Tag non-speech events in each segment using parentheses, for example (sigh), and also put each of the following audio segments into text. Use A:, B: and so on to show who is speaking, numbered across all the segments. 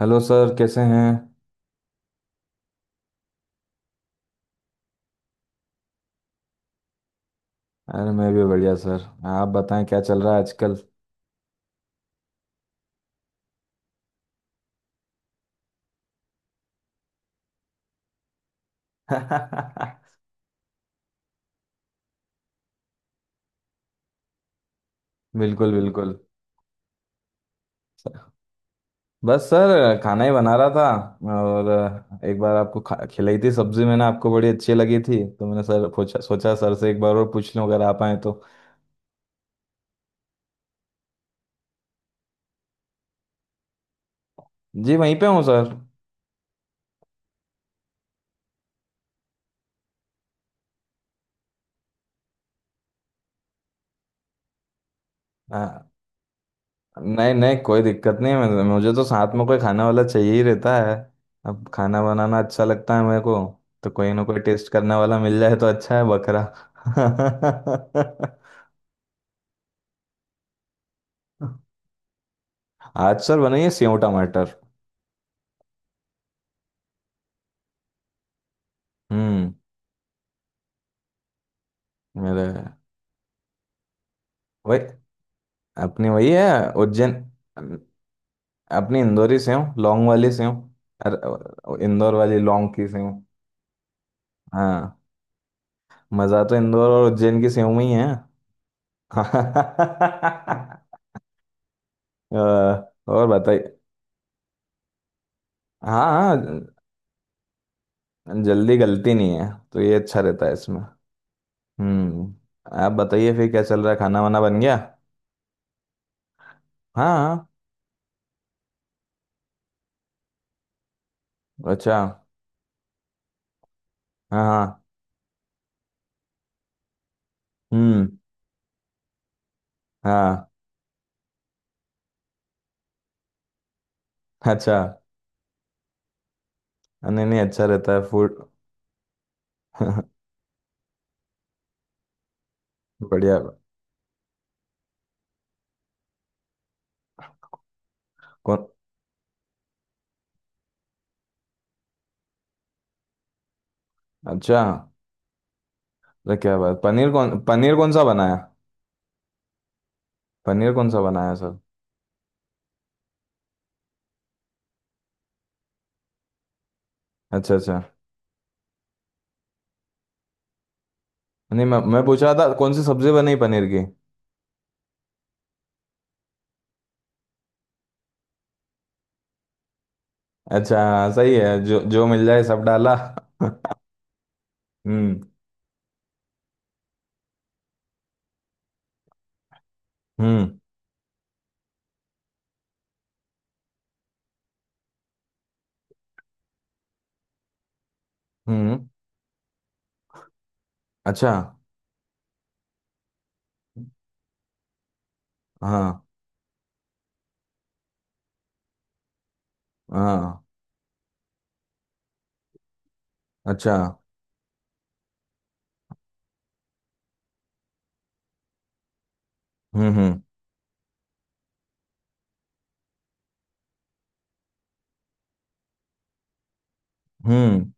A: Hello sir, कैसे हैं। अरे मैं भी बढ़िया सर। आप बताएं क्या चल रहा है आजकल। (laughs) बिल्कुल बिल्कुल। बस सर खाना ही बना रहा था। और एक बार आपको खिलाई थी सब्जी मैंने, आपको बड़ी अच्छी लगी थी, तो मैंने सर पूछा, सोचा सर से एक बार और पूछ लूं अगर आप आए तो। जी वहीं पे हूँ सर। हाँ, नहीं नहीं कोई दिक्कत नहीं है। मुझे तो साथ में कोई खाने वाला चाहिए ही रहता है। अब खाना बनाना अच्छा लगता है मेरे को, तो कोई ना कोई टेस्ट करने वाला मिल जाए तो अच्छा है, बकरा। (laughs) आचार बनाइए सेव टमाटर। हम्म। मेरे, वही, अपनी वही है। उज्जैन। अपनी इंदौरी सेव, लौंग वाली सेव। अरे इंदौर वाली लौंग की सेव। हाँ, मजा तो इंदौर और उज्जैन की सेव में ही है। (laughs) अ, और बताइए। हाँ हाँ। जल्दी गलती नहीं है तो ये अच्छा रहता है इसमें। हम्म। आप बताइए फिर क्या चल रहा है, खाना वाना बन गया। हाँ हाँ। अच्छा। हाँ हाँ। हम्म। हाँ। अच्छा। नहीं नहीं अच्छा रहता है फूड। (laughs) बढ़िया। कौन। अच्छा। अरे क्या बात। पनीर कौन, पनीर कौन सा बनाया। पनीर कौन सा बनाया सर। अच्छा अच्छा। नहीं, मैं पूछ रहा था कौन सी सब्जी बनी पनीर की। अच्छा, हाँ, सही है, जो जो मिल जाए सब डाला। हम्म हम्म। हम्म। अच्छा। हाँ हाँ। अच्छा। हम्म। हम्म।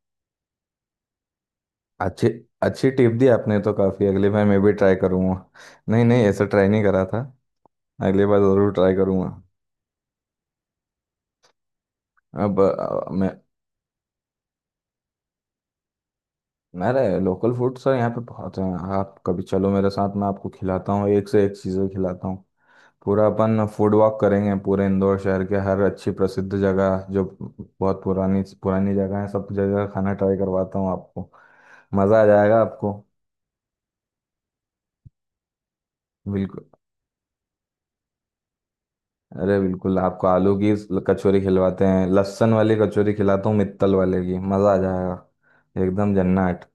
A: अच्छी। अच्छी टिप दी आपने तो, काफ़ी, अगली बार मैं भी ट्राई करूँगा। नहीं नहीं ऐसा ट्राई नहीं करा था। अगली बार ज़रूर ट्राई करूँगा। अब मैं। मेरे लोकल फूड सर यहाँ पे बहुत हैं। आप कभी चलो मेरे साथ, मैं आपको खिलाता हूँ, एक से एक चीज़ें खिलाता हूँ। पूरा अपन फूड वॉक करेंगे पूरे इंदौर शहर के, हर अच्छी प्रसिद्ध जगह जो बहुत पुरानी पुरानी जगह है, सब जगह खाना ट्राई करवाता हूँ आपको। मज़ा आ जाएगा आपको। बिल्कुल। अरे बिल्कुल, आपको आलू की कचौरी खिलवाते हैं, लहसुन वाली कचौरी खिलाता हूँ मित्तल वाले की, मज़ा आ जाएगा, एकदम जन्नत।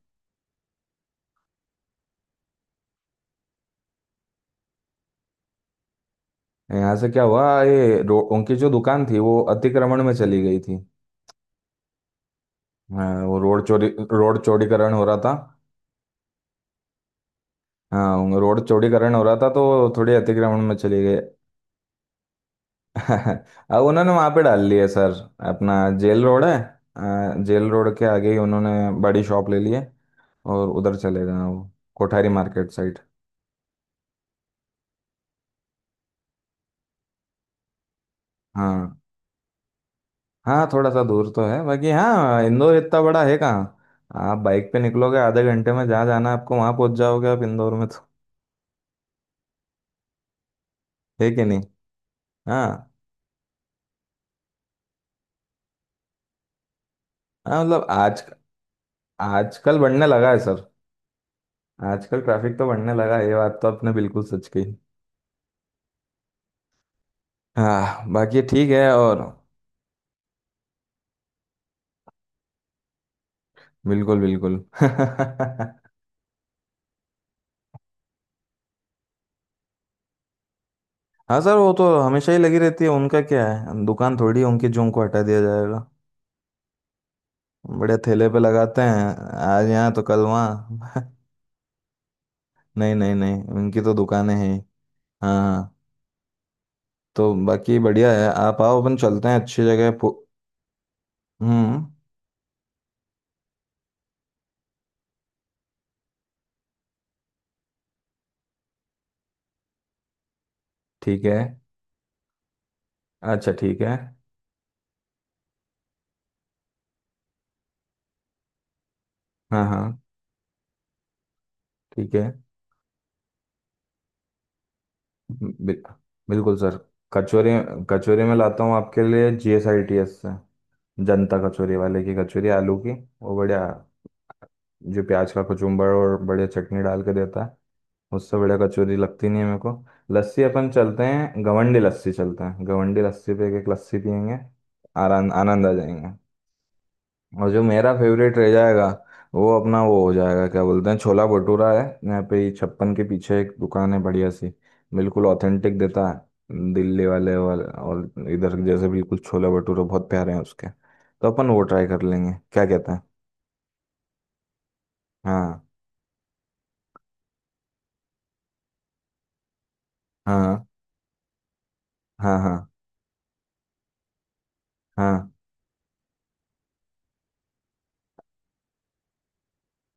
A: यहाँ से क्या हुआ, ये उनकी जो दुकान थी वो अतिक्रमण में चली गई थी। हाँ, वो रोड चोरी, रोड चौड़ीकरण हो रहा था। हाँ वो रोड चौड़ीकरण हो रहा था तो थोड़ी अतिक्रमण में चली गए। (laughs) अब उन्होंने वहां पे डाल लिए सर, अपना जेल रोड है, जेल रोड के आगे ही उन्होंने बड़ी शॉप ले ली है और उधर चले गए हैं वो, कोठारी मार्केट साइड। हाँ, हाँ थोड़ा सा दूर तो है, बाकी हाँ इंदौर इतना बड़ा है कहाँ। आप बाइक पे निकलोगे, आधे घंटे में जहाँ जाना है आपको वहां पहुंच जाओगे आप इंदौर में तो, है कि नहीं। हाँ हाँ, मतलब आज, आजकल बढ़ने लगा है सर। आजकल ट्रैफिक तो बढ़ने लगा, ये बात तो आपने बिल्कुल सच कही। हाँ बाकी ठीक है। और बिल्कुल बिल्कुल। (laughs) हाँ सर वो तो हमेशा ही लगी रहती है। उनका क्या है दुकान थोड़ी है उनकी, जो उनको हटा दिया जाएगा। बड़े ठेले पे लगाते हैं, आज यहाँ तो कल वहाँ। (laughs) नहीं नहीं नहीं उनकी तो दुकानें हैं ही। हाँ तो बाकी बढ़िया है, आप आओ अपन चलते हैं अच्छी जगह हम्म। ठीक है। अच्छा ठीक है। हाँ हाँ ठीक है। बिल, बिल्कुल सर। कचौरी, कचौरी में लाता हूँ आपके लिए जीएसआईटीएस से, जनता कचौरी वाले की कचौरी, आलू की, वो बढ़िया, जो प्याज का कचुम्बर और बढ़िया चटनी डाल के देता है, उससे बढ़िया कचौरी लगती नहीं है मेरे को। लस्सी अपन चलते हैं, गवंडी लस्सी चलते हैं, गवंडी लस्सी पे एक एक लस्सी पियेंगे, आराम आनंद आ जाएंगे। और जो मेरा फेवरेट रह जाएगा, वो अपना, वो हो जाएगा क्या बोलते हैं, छोला भटूरा है यहाँ पे ही, छप्पन के पीछे एक दुकान है बढ़िया सी, बिल्कुल ऑथेंटिक देता है, दिल्ली वाले वाले और इधर जैसे बिल्कुल छोला भटूरा, बहुत प्यारे हैं उसके, तो अपन वो ट्राई कर लेंगे, क्या कहते हैं। हाँ। हाँ हाँ। हाँ हाँ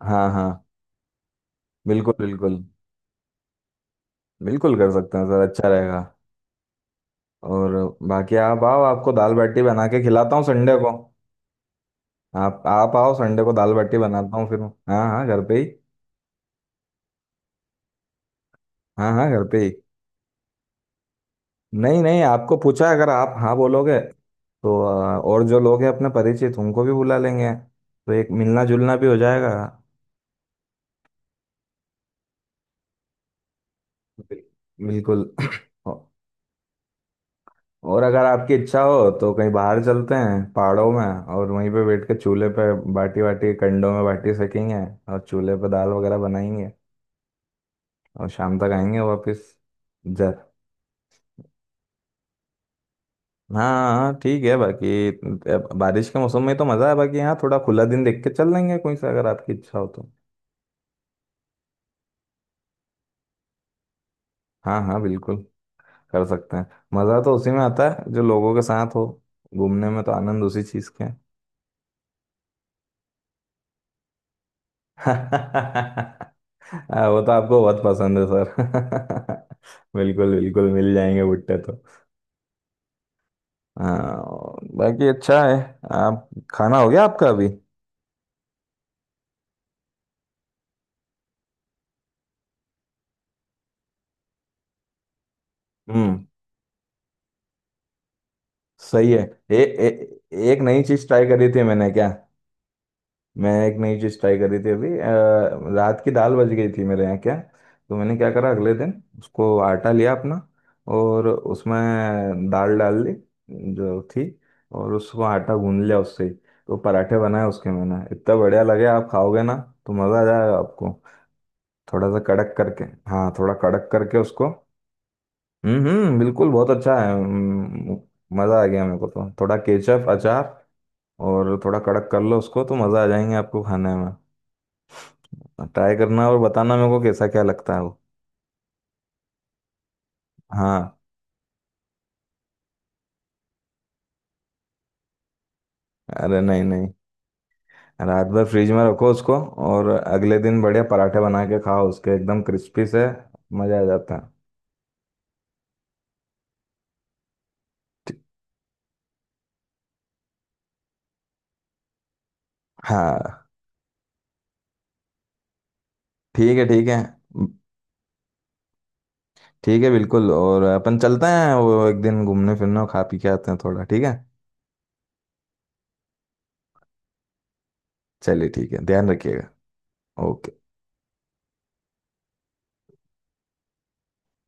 A: हाँ हाँ। बिल्कुल बिल्कुल। बिल्कुल कर सकते हैं सर, अच्छा रहेगा। और बाकी आप आओ, आपको दाल बाटी बना के खिलाता हूँ संडे को। आप आओ संडे को, दाल बाटी बनाता हूँ फिर। हाँ हाँ घर पे ही। हाँ हाँ घर पे ही। नहीं नहीं, आपको पूछा, अगर आप हाँ बोलोगे तो और जो लोग हैं अपने परिचित उनको भी बुला लेंगे तो एक मिलना जुलना भी हो जाएगा। बिल- बिल्कुल। (coughs) औ- और अगर आपकी इच्छा हो तो कहीं बाहर चलते हैं पहाड़ों में, और वहीं पे बैठ के चूल्हे पे बाटी वाटी, कंडों में बाटी सेकेंगे, और चूल्हे पे दाल वगैरह बनाएंगे, और शाम तक आएंगे वापस। जर, हाँ हाँ ठीक है बाकी। अब बारिश के मौसम में तो मज़ा है, बाकी यहाँ थोड़ा खुला दिन देख के चल लेंगे कोई सा, अगर आपकी इच्छा हो तो। हाँ हाँ बिल्कुल। कर सकते हैं। मज़ा तो उसी में आता है जो लोगों के साथ हो, घूमने में तो आनंद उसी चीज़ का है। (laughs) हाँ, वो तो आपको बहुत पसंद है सर। (laughs) बिल्कुल बिल्कुल मिल जाएंगे भुट्टे तो। हाँ बाकी अच्छा है। आप खाना हो गया आपका अभी। हम्म, सही है। ए, ए, एक नई चीज़ ट्राई करी थी मैंने, क्या। मैं एक नई चीज़ ट्राई करी थी अभी, रात की दाल बच गई थी मेरे यहाँ, क्या। तो मैंने क्या करा अगले दिन, उसको आटा लिया अपना और उसमें दाल डाल दी जो थी, और उसको आटा गूंद लिया उससे ही। तो पराठे बनाए उसके मैंने, इतना बढ़िया लगे, आप खाओगे ना तो मज़ा आ जाएगा आपको। थोड़ा सा कड़क करके, हाँ थोड़ा कड़क करके उसको। हम्म, बिल्कुल बहुत अच्छा है। मज़ा आ गया मेरे को, तो थोड़ा केचप अचार और थोड़ा कड़क कर लो उसको तो मज़ा आ जाएंगे आपको खाने में। ट्राई करना और बताना मेरे को कैसा क्या लगता है वो। हाँ, अरे नहीं नहीं, रात भर फ्रिज में रखो उसको और अगले दिन बढ़िया पराठे बना के खाओ उसके एकदम क्रिस्पी से, मजा आ जाता है। ठी- हाँ ठीक है ठीक है। ठीक है बिल्कुल, और अपन चलते हैं वो एक दिन घूमने फिरने और खा पी के आते हैं थोड़ा, ठीक है। चलिए, ठीक है, ध्यान रखिएगा। ओके।